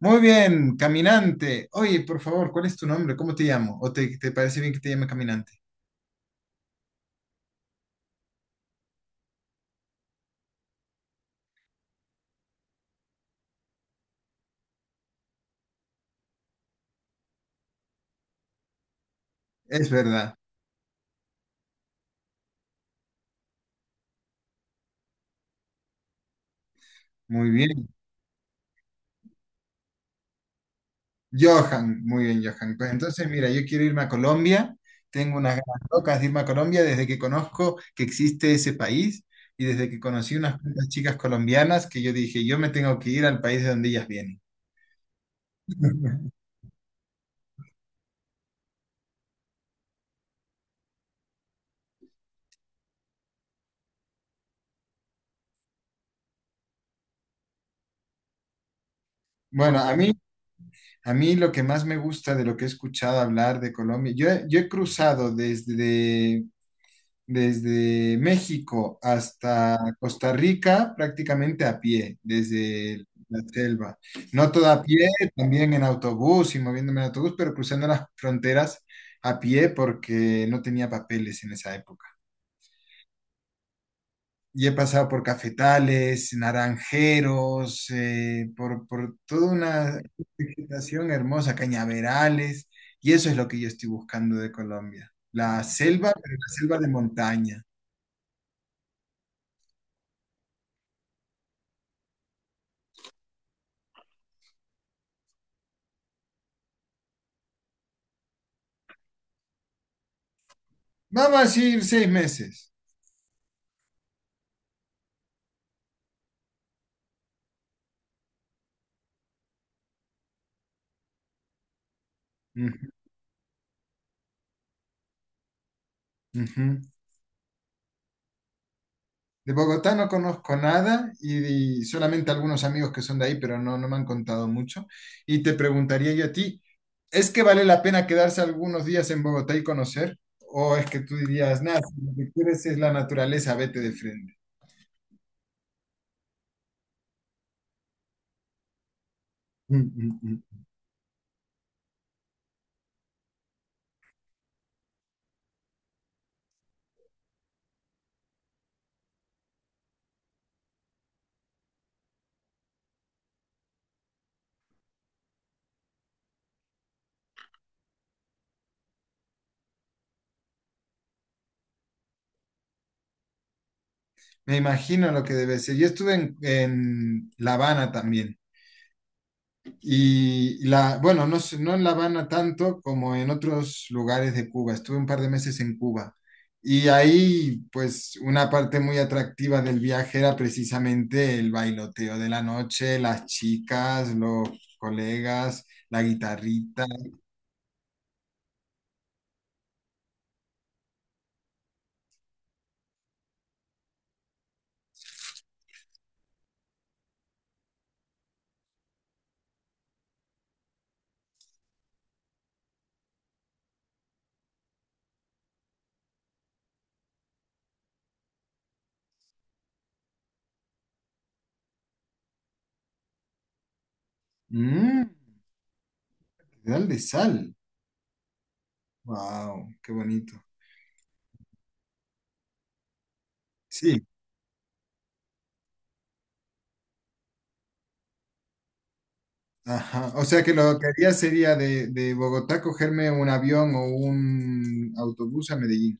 Muy bien, caminante. Oye, por favor, ¿cuál es tu nombre? ¿Cómo te llamo? ¿O te parece bien que te llame caminante? Es verdad. Muy bien. Johan, muy bien, Johan. Pues entonces, mira, yo quiero irme a Colombia. Tengo unas ganas locas de irme a Colombia desde que conozco que existe ese país y desde que conocí unas cuantas chicas colombianas que yo dije, yo me tengo que ir al país de donde ellas vienen. Bueno, a mí lo que más me gusta de lo que he escuchado hablar de Colombia, yo, yo he cruzado desde México hasta Costa Rica prácticamente a pie, desde la selva. No todo a pie, también en autobús y moviéndome en autobús, pero cruzando las fronteras a pie porque no tenía papeles en esa época. Y he pasado por cafetales, naranjeros, por toda una vegetación hermosa, cañaverales, y eso es lo que yo estoy buscando de Colombia. La selva, pero la selva de montaña. Vamos a decir 6 meses. Ujú, ujú. De Bogotá no conozco nada y, y solamente algunos amigos que son de ahí, pero no, no me han contado mucho. Y te preguntaría yo a ti, ¿es que vale la pena quedarse algunos días en Bogotá y conocer? ¿O es que tú dirías, nada, si lo que quieres es la naturaleza, vete de frente? Mm, mm, mm. Me imagino lo que debe ser. Yo estuve en La Habana también. Y la, bueno, no, sé, no en La Habana tanto como en otros lugares de Cuba. Estuve un par de meses en Cuba. Y ahí, pues, una parte muy atractiva del viaje era precisamente el bailoteo de la noche, las chicas, los colegas, la guitarrita. Mmm, pedal de sal. Wow, qué bonito. Sí, ajá. O sea que lo que haría sería de Bogotá cogerme un avión o un autobús a Medellín.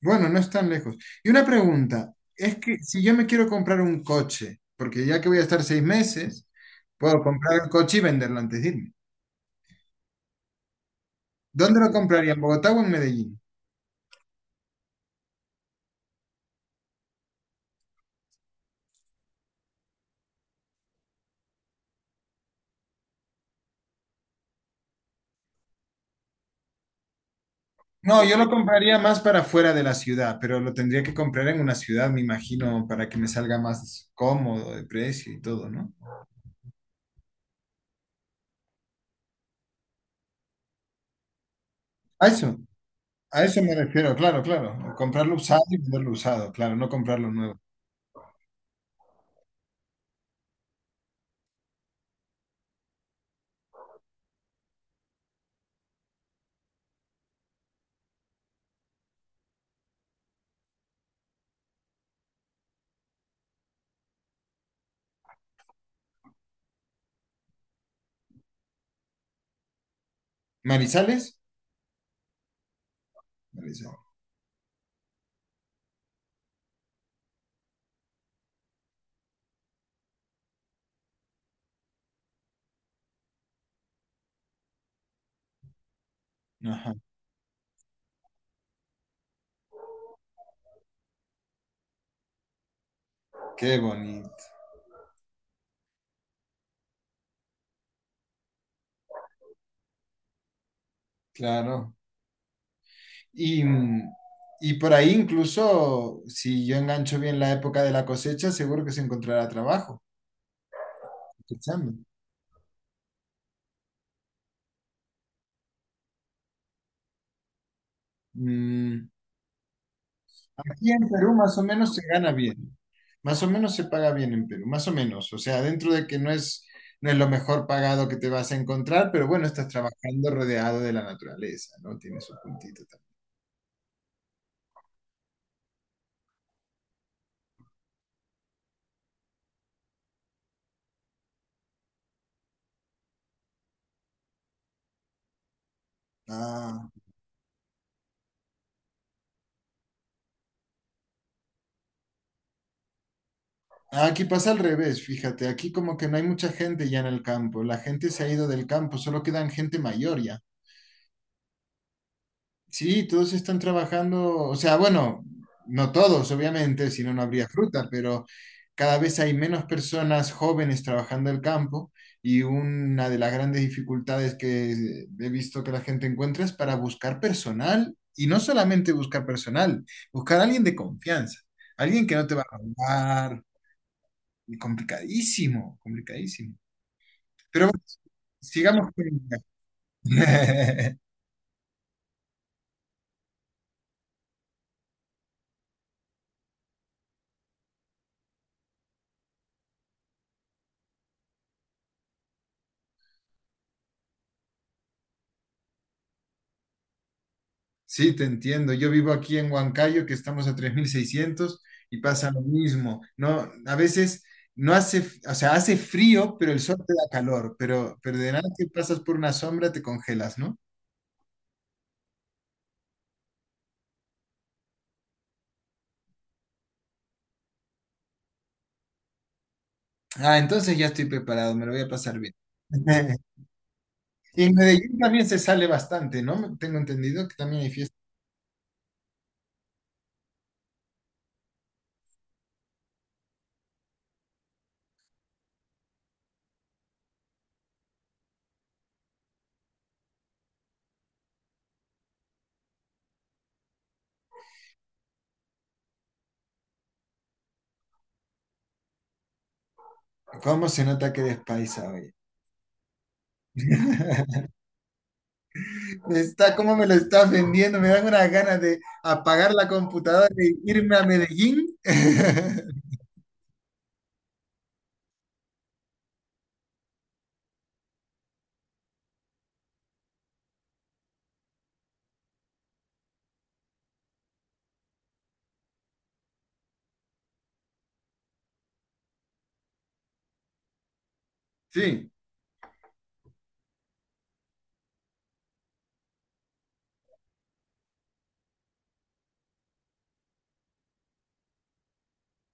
Bueno, no es tan lejos. Y una pregunta, es que si yo me quiero comprar un coche, porque ya que voy a estar 6 meses, puedo comprar el coche y venderlo antes de irme. ¿Dónde lo compraría? ¿En Bogotá o en Medellín? No, yo lo compraría más para fuera de la ciudad, pero lo tendría que comprar en una ciudad, me imagino, para que me salga más cómodo de precio y todo, ¿no? A eso, a eso me refiero, claro, claro. Comprarlo usado y venderlo usado, claro, no comprarlo nuevo. ¿Marizales? Marizales. Ajá, qué bonito, claro. Y, y por ahí incluso, si yo engancho bien la época de la cosecha, seguro que se encontrará trabajo. Cosechando. Mm, aquí en Perú más o menos se gana bien, más o menos se paga bien en Perú, más o menos. O sea, dentro de que no es, no es lo mejor pagado que te vas a encontrar, pero bueno, estás trabajando rodeado de la naturaleza, ¿no? Tiene su puntito también. Ah, aquí pasa al revés, fíjate, aquí como que no hay mucha gente ya en el campo, la gente se ha ido del campo, solo quedan gente mayor ya. Sí, todos están trabajando, o sea, bueno, no todos, obviamente, si no, no habría fruta, pero cada vez hay menos personas jóvenes trabajando el campo y una de las grandes dificultades que he visto que la gente encuentra es para buscar personal y no solamente buscar personal, buscar a alguien de confianza, alguien que no te va a robar, y complicadísimo, complicadísimo. Pero bueno, sigamos con... Sí, te entiendo. Yo vivo aquí en Huancayo, que estamos a 3.600 y pasa lo mismo. No, a veces no hace, o sea, hace frío, pero el sol te da calor, pero de nada que pasas por una sombra te congelas, ¿no? Ah, entonces ya estoy preparado, me lo voy a pasar bien. Y en Medellín también se sale bastante, ¿no? Tengo entendido que también hay fiesta. ¿Cómo se nota que eres paisa hoy? Me Está, ¿cómo me lo estás vendiendo? Me dan unas ganas de apagar la computadora y irme a Medellín. Sí,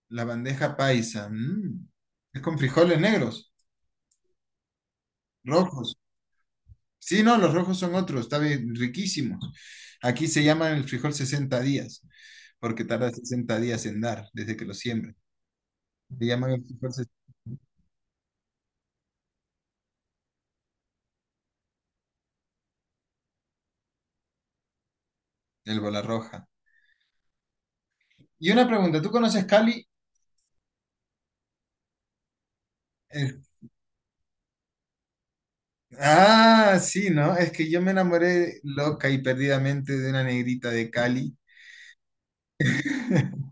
la bandeja paisa. Mm. Es con frijoles negros, rojos. Sí, no, los rojos son otros, está bien, riquísimos. Aquí se llaman el frijol 60 días, porque tarda 60 días en dar desde que lo siembran. Le llaman el frijol el bola roja. Y una pregunta, ¿tú conoces Cali? Eh, ah, sí, ¿no? Es que yo me enamoré loca y perdidamente de una negrita de Cali.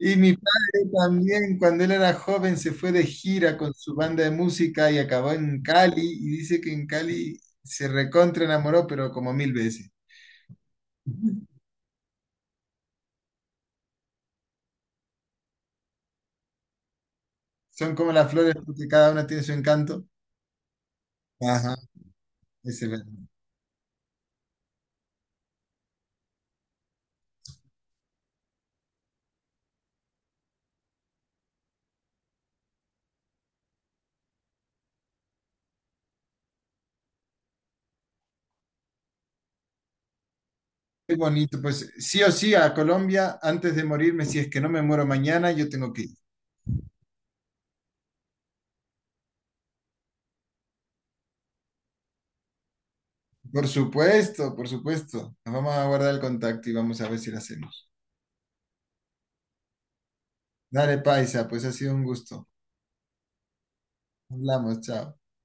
Y mi padre también, cuando él era joven, se fue de gira con su banda de música y acabó en Cali. Y dice que en Cali se recontra enamoró, pero como 1.000 veces. Son como las flores, porque cada una tiene su encanto. Ajá, ese es verdad. Qué bonito. Pues sí o sí, a Colombia, antes de morirme, si es que no me muero mañana, yo tengo que ir. Por supuesto, por supuesto. Nos vamos a guardar el contacto y vamos a ver si lo hacemos. Dale, paisa, pues ha sido un gusto. Hablamos, chao.